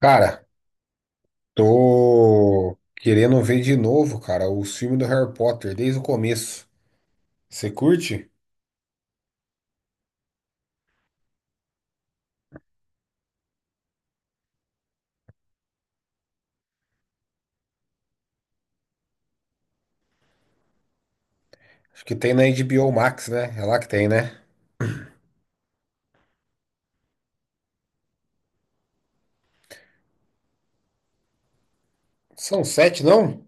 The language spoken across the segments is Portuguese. Cara, tô querendo ver de novo, cara, o filme do Harry Potter desde o começo. Você curte? Acho que tem na HBO Max, né? É lá que tem, né? São sete, não?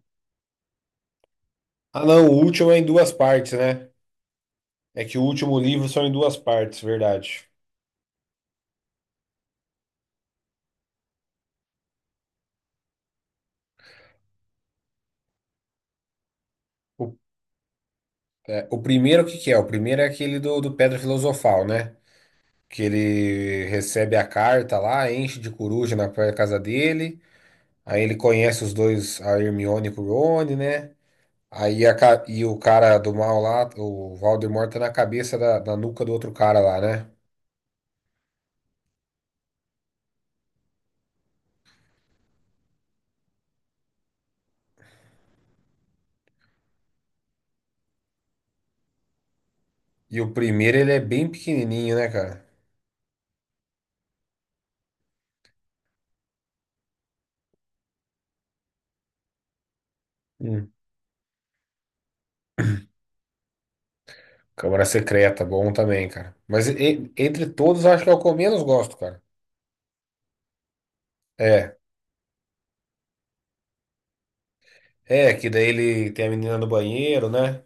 Ah, não, o último é em duas partes, né? É que o último livro são em duas partes, verdade. O, o primeiro, o que que é? O primeiro é aquele do Pedra Filosofal, né? Que ele recebe a carta lá, enche de coruja na própria casa dele. Aí ele conhece os dois, a Hermione e o Rony, né? Aí e o cara do mal lá, o Valdemar tá na cabeça da nuca do outro cara lá, né? E o primeiro, ele é bem pequenininho, né, cara? Hum. Câmara Secreta, bom também, cara. Mas entre todos, acho que é o que eu menos gosto, cara. É, é, que daí ele tem a menina no banheiro, né?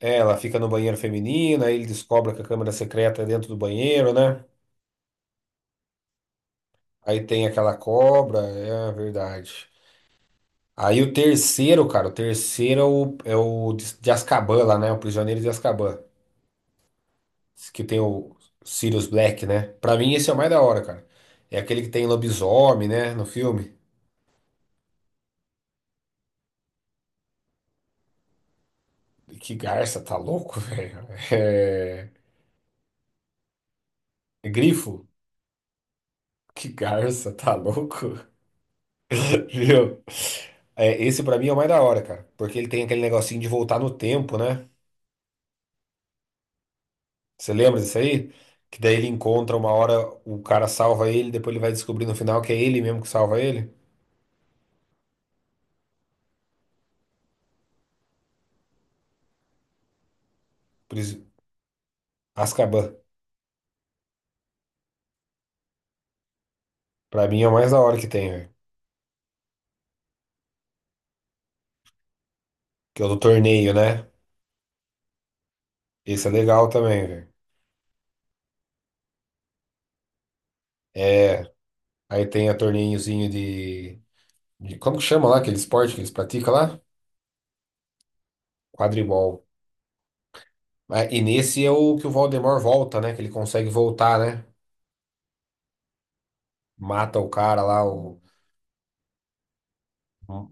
É, ela fica no banheiro feminino, aí ele descobre que a câmera secreta é dentro do banheiro, né? Aí tem aquela cobra, é verdade. Aí o terceiro, cara, o terceiro é o de Azkaban lá, né? O Prisioneiro de Azkaban. Que tem o Sirius Black, né? Pra mim esse é o mais da hora, cara. É aquele que tem lobisomem, né? No filme. Que garça, tá louco, velho? É... é Grifo? Que garça, tá louco? Viu? É, esse pra mim é o mais da hora, cara. Porque ele tem aquele negocinho de voltar no tempo, né? Você lembra disso aí? Que daí ele encontra uma hora, o cara salva ele, depois ele vai descobrir no final que é ele mesmo que salva ele. Por isso, Azkaban, pra mim é o mais da hora que tem, velho. Que é o do torneio, né? Esse é legal também, velho. É, aí tem a torneiozinho Como que chama lá aquele esporte que eles praticam lá? Quadribol. Ah, e nesse é o que o Voldemort volta, né? Que ele consegue voltar, né? Mata o cara lá, o.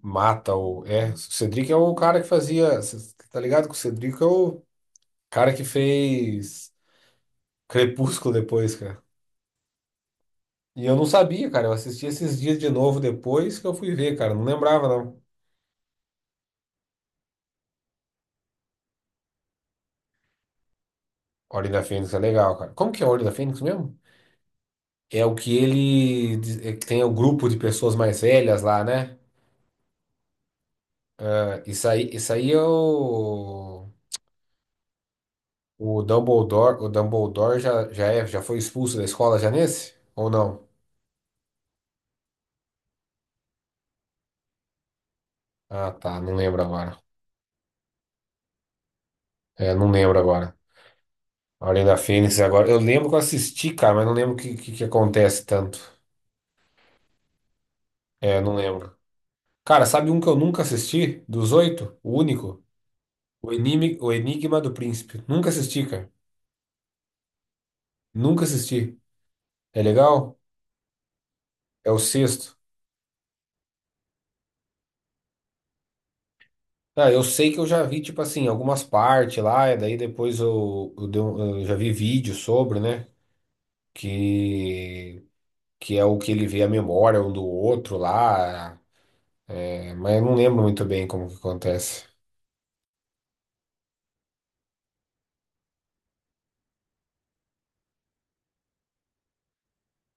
Mata o. É, o Cedric é o cara que fazia. Cê tá ligado que o Cedric é o cara que fez Crepúsculo depois, cara. E eu não sabia, cara. Eu assisti esses dias de novo depois que eu fui ver, cara. Não lembrava, não. Ordem da Fênix é legal, cara. Como que é a Ordem da Fênix mesmo? É o que ele é que tem o grupo de pessoas mais velhas lá, né? Isso aí é o Dumbledore, o Dumbledore já foi expulso da escola já nesse? Ou não? Ah, tá, não lembro agora. É, não lembro agora. A Ordem da Fênix agora. Eu lembro que eu assisti, cara, mas não lembro o que acontece tanto. É, não lembro. Cara, sabe um que eu nunca assisti? Dos oito? O único? O Enigma do Príncipe. Nunca assisti, cara. Nunca assisti. É legal? É o sexto. Ah, eu sei que eu já vi, tipo assim, algumas partes lá, e daí depois eu já vi vídeo sobre, né? Que, que é o que ele vê a memória um do outro lá. É, mas eu não lembro muito bem como que acontece.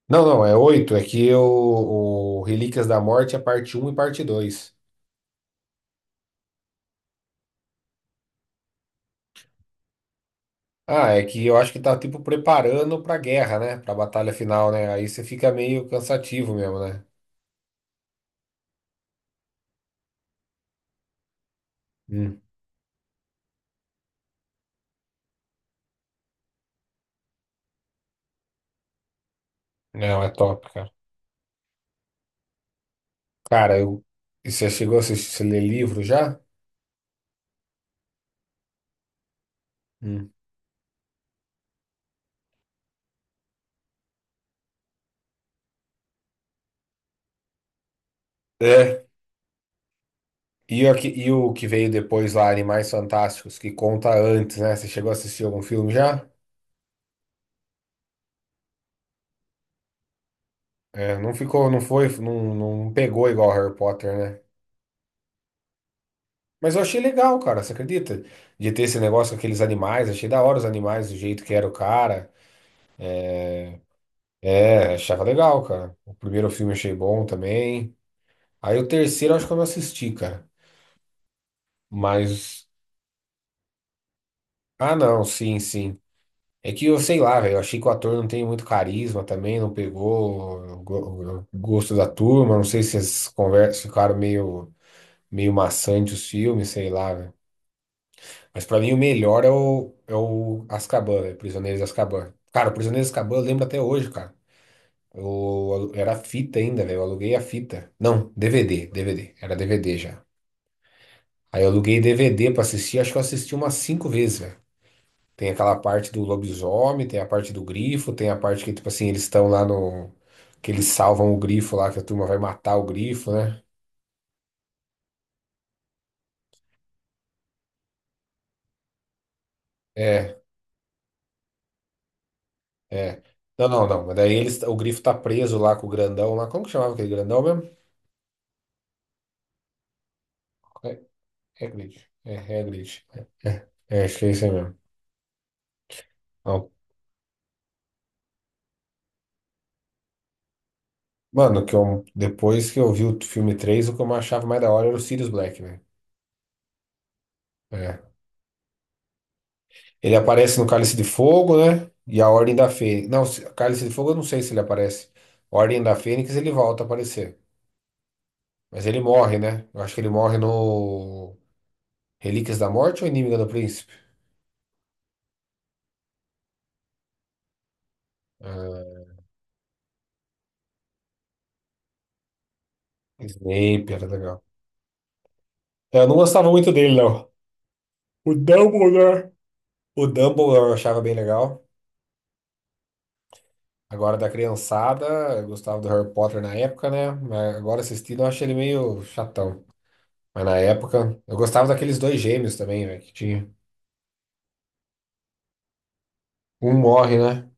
Não, não, é oito. É que o Relíquias da Morte é parte um e parte 2. Ah, é que eu acho que tá tipo preparando pra guerra, né? Pra batalha final, né? Aí você fica meio cansativo mesmo, né? Hum. Não, é top, cara. Cara, eu... e você chegou a assistir, você ler livro já? Hum. É. E o que veio depois lá, Animais Fantásticos, que conta antes, né? Você chegou a assistir algum filme já? É, não ficou, não foi, não pegou igual Harry Potter, né? Mas eu achei legal, cara, você acredita? De ter esse negócio com aqueles animais, achei da hora os animais, do jeito que era o cara. É, achava legal, cara. O primeiro filme achei bom também. Aí o terceiro acho que eu não assisti, cara. Mas. Ah, não, sim, sim. É que eu sei lá, velho. Eu achei que o ator não tem muito carisma também, não pegou o gosto da turma. Não sei se as conversas ficaram meio maçantes os filmes, sei lá, velho. Mas pra mim o melhor é o Azkaban, velho. Prisioneiros de Azkaban. Cara, o Prisioneiros de Azkaban eu lembro até hoje, cara. Eu, era fita ainda, velho. Eu aluguei a fita. Não, DVD, DVD. Era DVD já. Aí eu aluguei DVD pra assistir. Acho que eu assisti umas cinco vezes, velho. Tem aquela parte do lobisomem, tem a parte do grifo, tem a parte que, tipo assim, eles estão lá no. Que eles salvam o grifo lá, que a turma vai matar o grifo, né? É, é. Não, não, não. Mas daí eles, o grifo tá preso lá com o grandão lá. Como que chamava aquele grandão mesmo? É, é Hagrid. É, Hagrid. É, é, é, acho que é isso aí mesmo. Mano, que eu, depois que eu vi o filme 3 o que eu achava mais da hora era o Sirius Black, né? É. Ele aparece no Cálice de Fogo, né? E a Ordem da Fênix. Não, Cálice de Fogo eu não sei se ele aparece. Ordem da Fênix ele volta a aparecer. Mas ele morre, né? Eu acho que ele morre no Relíquias da Morte ou Inimiga do Príncipe? Ah, Snape era legal. Eu não gostava muito dele, não. O Dumbledore. O Dumbledore eu achava bem legal. Agora da criançada, eu gostava do Harry Potter na época, né? Mas agora assistindo eu acho ele meio chatão. Mas na época, eu gostava daqueles dois gêmeos também, velho, que tinha. Um morre, né?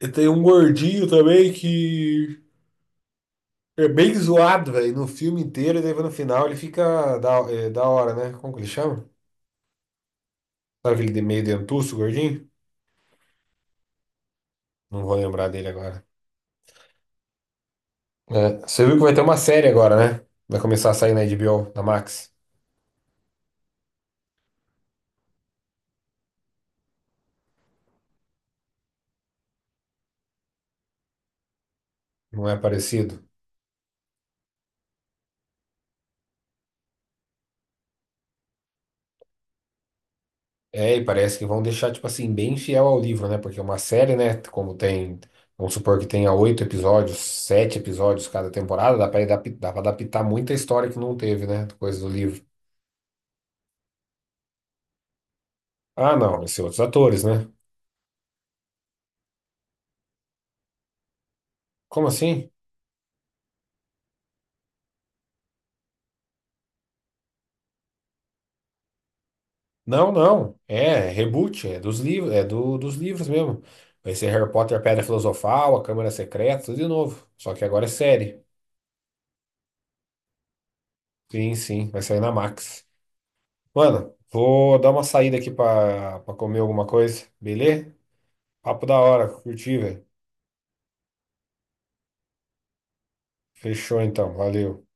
E tem um gordinho também que é bem zoado, velho, no filme inteiro, e daí no final ele fica da hora, né? Como que ele chama? Sabe aquele de meio dentuço, gordinho? Não vou lembrar dele agora. É, você viu que vai ter uma série agora, né? Vai começar a sair na HBO, na Max. Não é parecido? É, e parece que vão deixar, tipo assim, bem fiel ao livro, né? Porque uma série, né? Como tem, vamos supor que tenha oito episódios, sete episódios cada temporada, dá pra adaptar muita história que não teve, né? Coisa do livro. Ah, não, vai ser outros atores, né? Como assim? Não, não. É, reboot, é dos livros, é dos livros mesmo. Vai ser Harry Potter, Pedra Filosofal, A Câmara Secreta, tudo de novo. Só que agora é série. Sim, sim, vai sair na Max. Mano, vou dar uma saída aqui pra comer alguma coisa, beleza? Papo da hora, curti, velho. Fechou então, valeu.